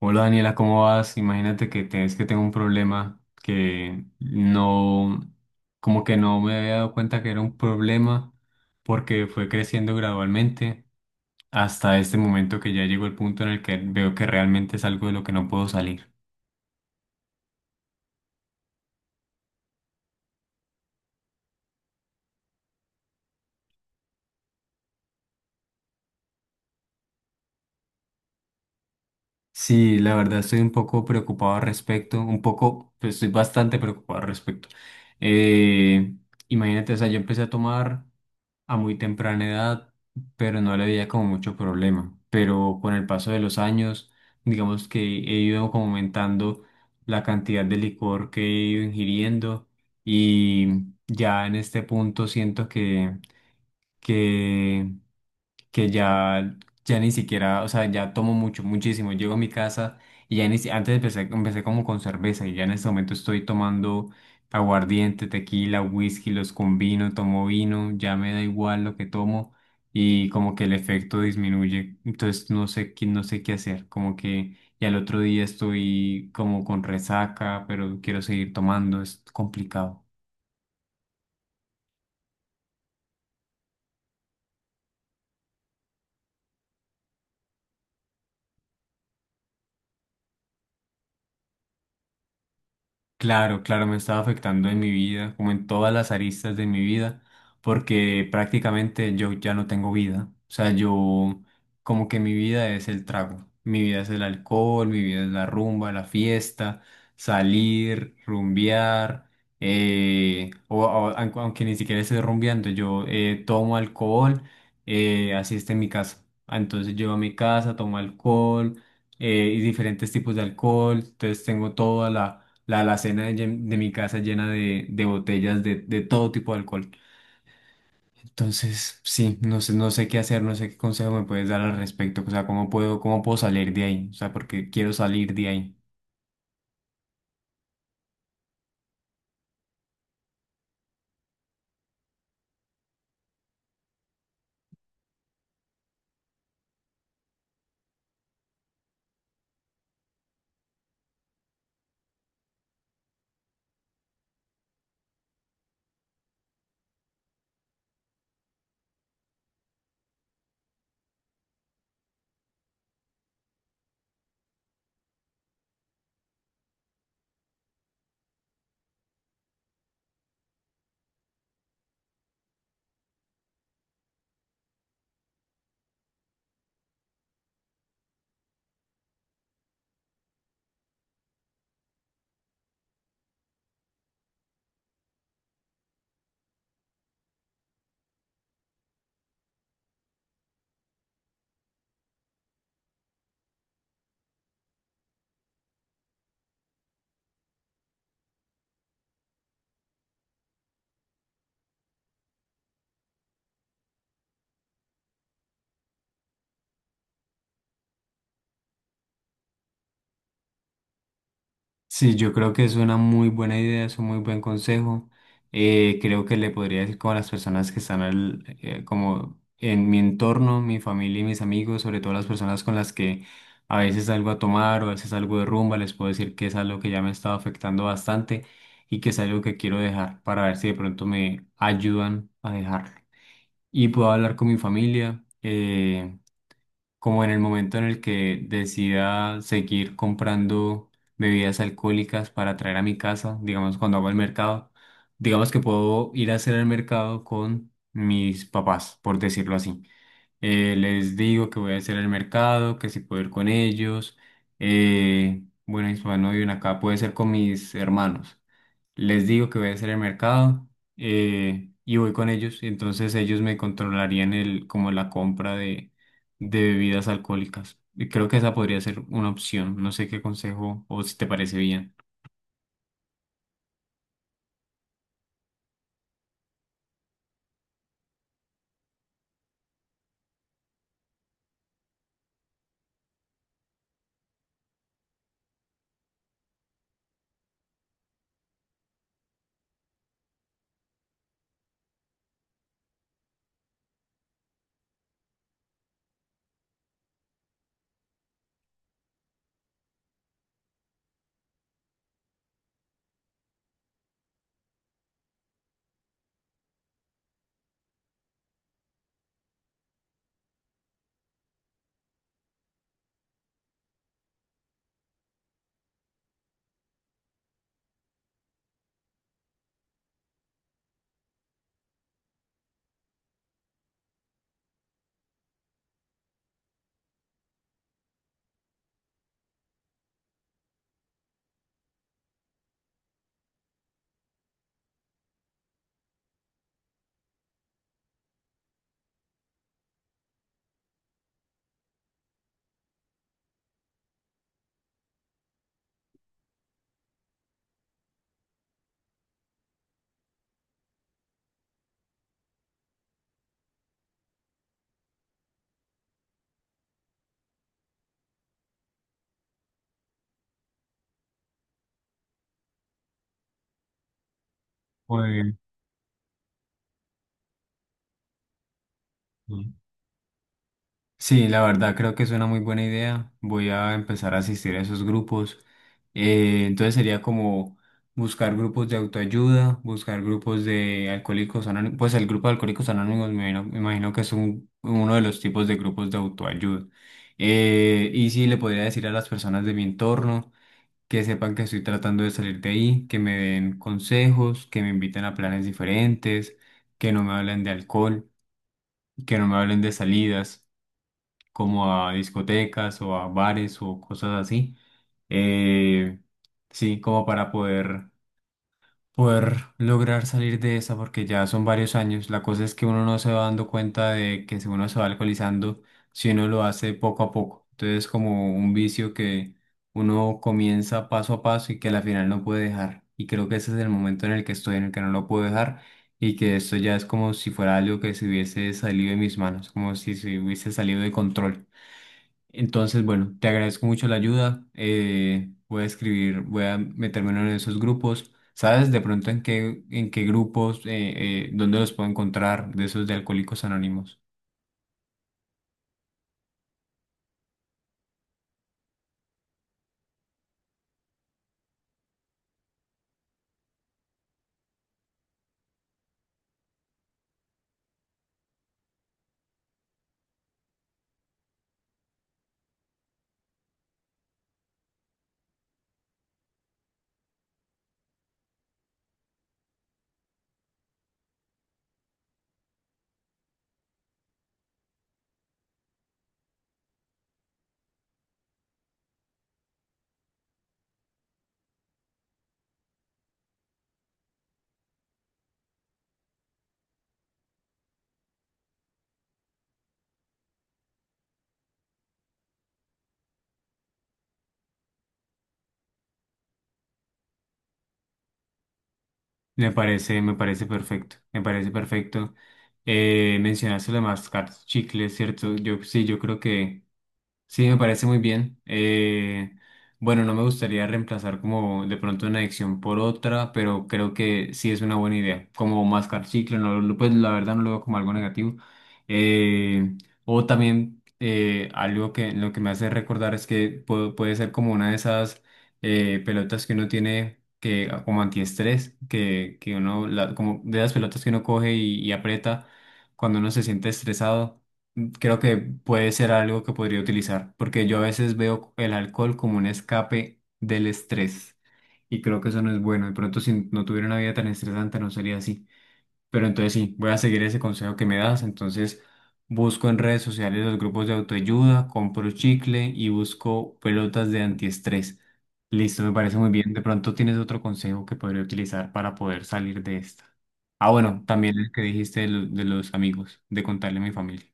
Hola Daniela, ¿cómo vas? Imagínate que es que tengo un problema que como que no me había dado cuenta que era un problema porque fue creciendo gradualmente hasta este momento que ya llegó el punto en el que veo que realmente es algo de lo que no puedo salir. Sí, la verdad estoy un poco preocupado al respecto, un poco, pues estoy bastante preocupado al respecto. Eh, imagínate, o sea, yo empecé a tomar a muy temprana edad, pero no le veía como mucho problema. Pero con el paso de los años, digamos que he ido como aumentando la cantidad de licor que he ido ingiriendo y ya en este punto siento que que ya, ya ni siquiera, o sea, ya tomo mucho, muchísimo. Llego a mi casa y ya ni si- antes empecé como con cerveza y ya en este momento estoy tomando aguardiente, tequila, whisky, los combino, tomo vino, ya me da igual lo que tomo y como que el efecto disminuye. Entonces no sé, no sé qué hacer, como que y al otro día estoy como con resaca, pero quiero seguir tomando, es complicado. Claro, claro, me estaba afectando en mi vida, como en todas las aristas de mi vida, porque prácticamente yo ya no tengo vida. O sea, yo como que mi vida es el trago, mi vida es el alcohol, mi vida es la rumba, la fiesta, salir, rumbear, aunque ni siquiera esté rumbeando, yo tomo alcohol, así está en mi casa. Entonces llego a mi casa, tomo alcohol, y diferentes tipos de alcohol, entonces tengo toda la alacena de mi casa llena de botellas de todo tipo de alcohol. Entonces, sí, no sé, no sé qué hacer, no sé qué consejo me puedes dar al respecto. O sea, cómo puedo salir de ahí? O sea, porque quiero salir de ahí. Sí, yo creo que es una muy buena idea, es un muy buen consejo. Creo que le podría decir como a las personas que están como en mi entorno, mi familia y mis amigos, sobre todo las personas con las que a veces salgo a tomar o a veces salgo de rumba, les puedo decir que es algo que ya me está afectando bastante y que es algo que quiero dejar para ver si de pronto me ayudan a dejarlo. Y puedo hablar con mi familia. Como en el momento en el que decida seguir comprando bebidas alcohólicas para traer a mi casa, digamos cuando hago el mercado, digamos que puedo ir a hacer el mercado con mis papás, por decirlo así. Les digo que voy a hacer el mercado, que si puedo ir con ellos. Eh, bueno, y si no viven acá, puede ser con mis hermanos, les digo que voy a hacer el mercado y voy con ellos. Y entonces ellos me controlarían el, como la compra de bebidas alcohólicas. Y creo que esa podría ser una opción. No sé qué consejo o si te parece bien. Pues, sí, la verdad creo que es una muy buena idea. Voy a empezar a asistir a esos grupos. Entonces sería como buscar grupos de autoayuda, buscar grupos de alcohólicos anónimos. Pues el grupo de alcohólicos anónimos me imagino que es uno de los tipos de grupos de autoayuda. Y sí, le podría decir a las personas de mi entorno que sepan que estoy tratando de salir de ahí, que me den consejos, que me inviten a planes diferentes, que no me hablen de alcohol, que no me hablen de salidas como a discotecas o a bares o cosas así. Eh, sí, como para poder, poder lograr salir de esa, porque ya son varios años. La cosa es que uno no se va dando cuenta de que si uno se va alcoholizando, si uno lo hace poco a poco. Entonces, como un vicio que uno comienza paso a paso y que al final no puede dejar. Y creo que ese es el momento en el que estoy, en el que no lo puedo dejar. Y que esto ya es como si fuera algo que se hubiese salido de mis manos, como si se hubiese salido de control. Entonces, bueno, te agradezco mucho la ayuda. Voy a escribir, voy a meterme en uno de esos grupos. ¿Sabes de pronto en qué grupos, dónde los puedo encontrar de esos de Alcohólicos Anónimos? Me parece perfecto, me parece perfecto. Mencionaste lo de mascar chicles, ¿cierto? Yo sí, yo creo que sí, me parece muy bien. Bueno, no me gustaría reemplazar como de pronto una adicción por otra, pero creo que sí es una buena idea. Como mascar chicle, no, pues la verdad no lo veo como algo negativo. Eh, o también algo que lo que me hace recordar es que puede ser como una de esas pelotas que uno tiene que ah, como antiestrés, que uno, como de las pelotas que uno coge y aprieta cuando uno se siente estresado, creo que puede ser algo que podría utilizar, porque yo a veces veo el alcohol como un escape del estrés y creo que eso no es bueno. De pronto, si no tuviera una vida tan estresante, no sería así. Pero entonces sí, voy a seguir ese consejo que me das. Entonces busco en redes sociales los grupos de autoayuda, compro chicle y busco pelotas de antiestrés. Listo, me parece muy bien. De pronto tienes otro consejo que podría utilizar para poder salir de esta. Ah, bueno, también el que dijiste de de los amigos, de contarle a mi familia.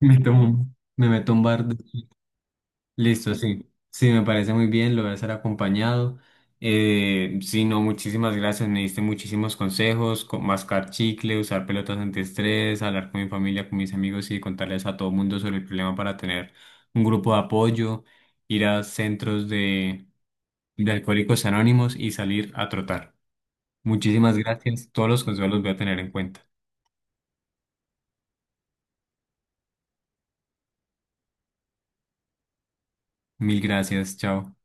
Me tomo, me meto un bar. Listo, sí. Sí, me parece muy bien, lo voy a hacer acompañado. Sí, no, muchísimas gracias. Me diste muchísimos consejos, mascar chicle, usar pelotas antiestrés, hablar con mi familia, con mis amigos y contarles a todo el mundo sobre el problema para tener un grupo de apoyo, ir a centros de alcohólicos anónimos y salir a trotar. Muchísimas gracias. Todos los consejos los voy a tener en cuenta. Mil gracias, chao.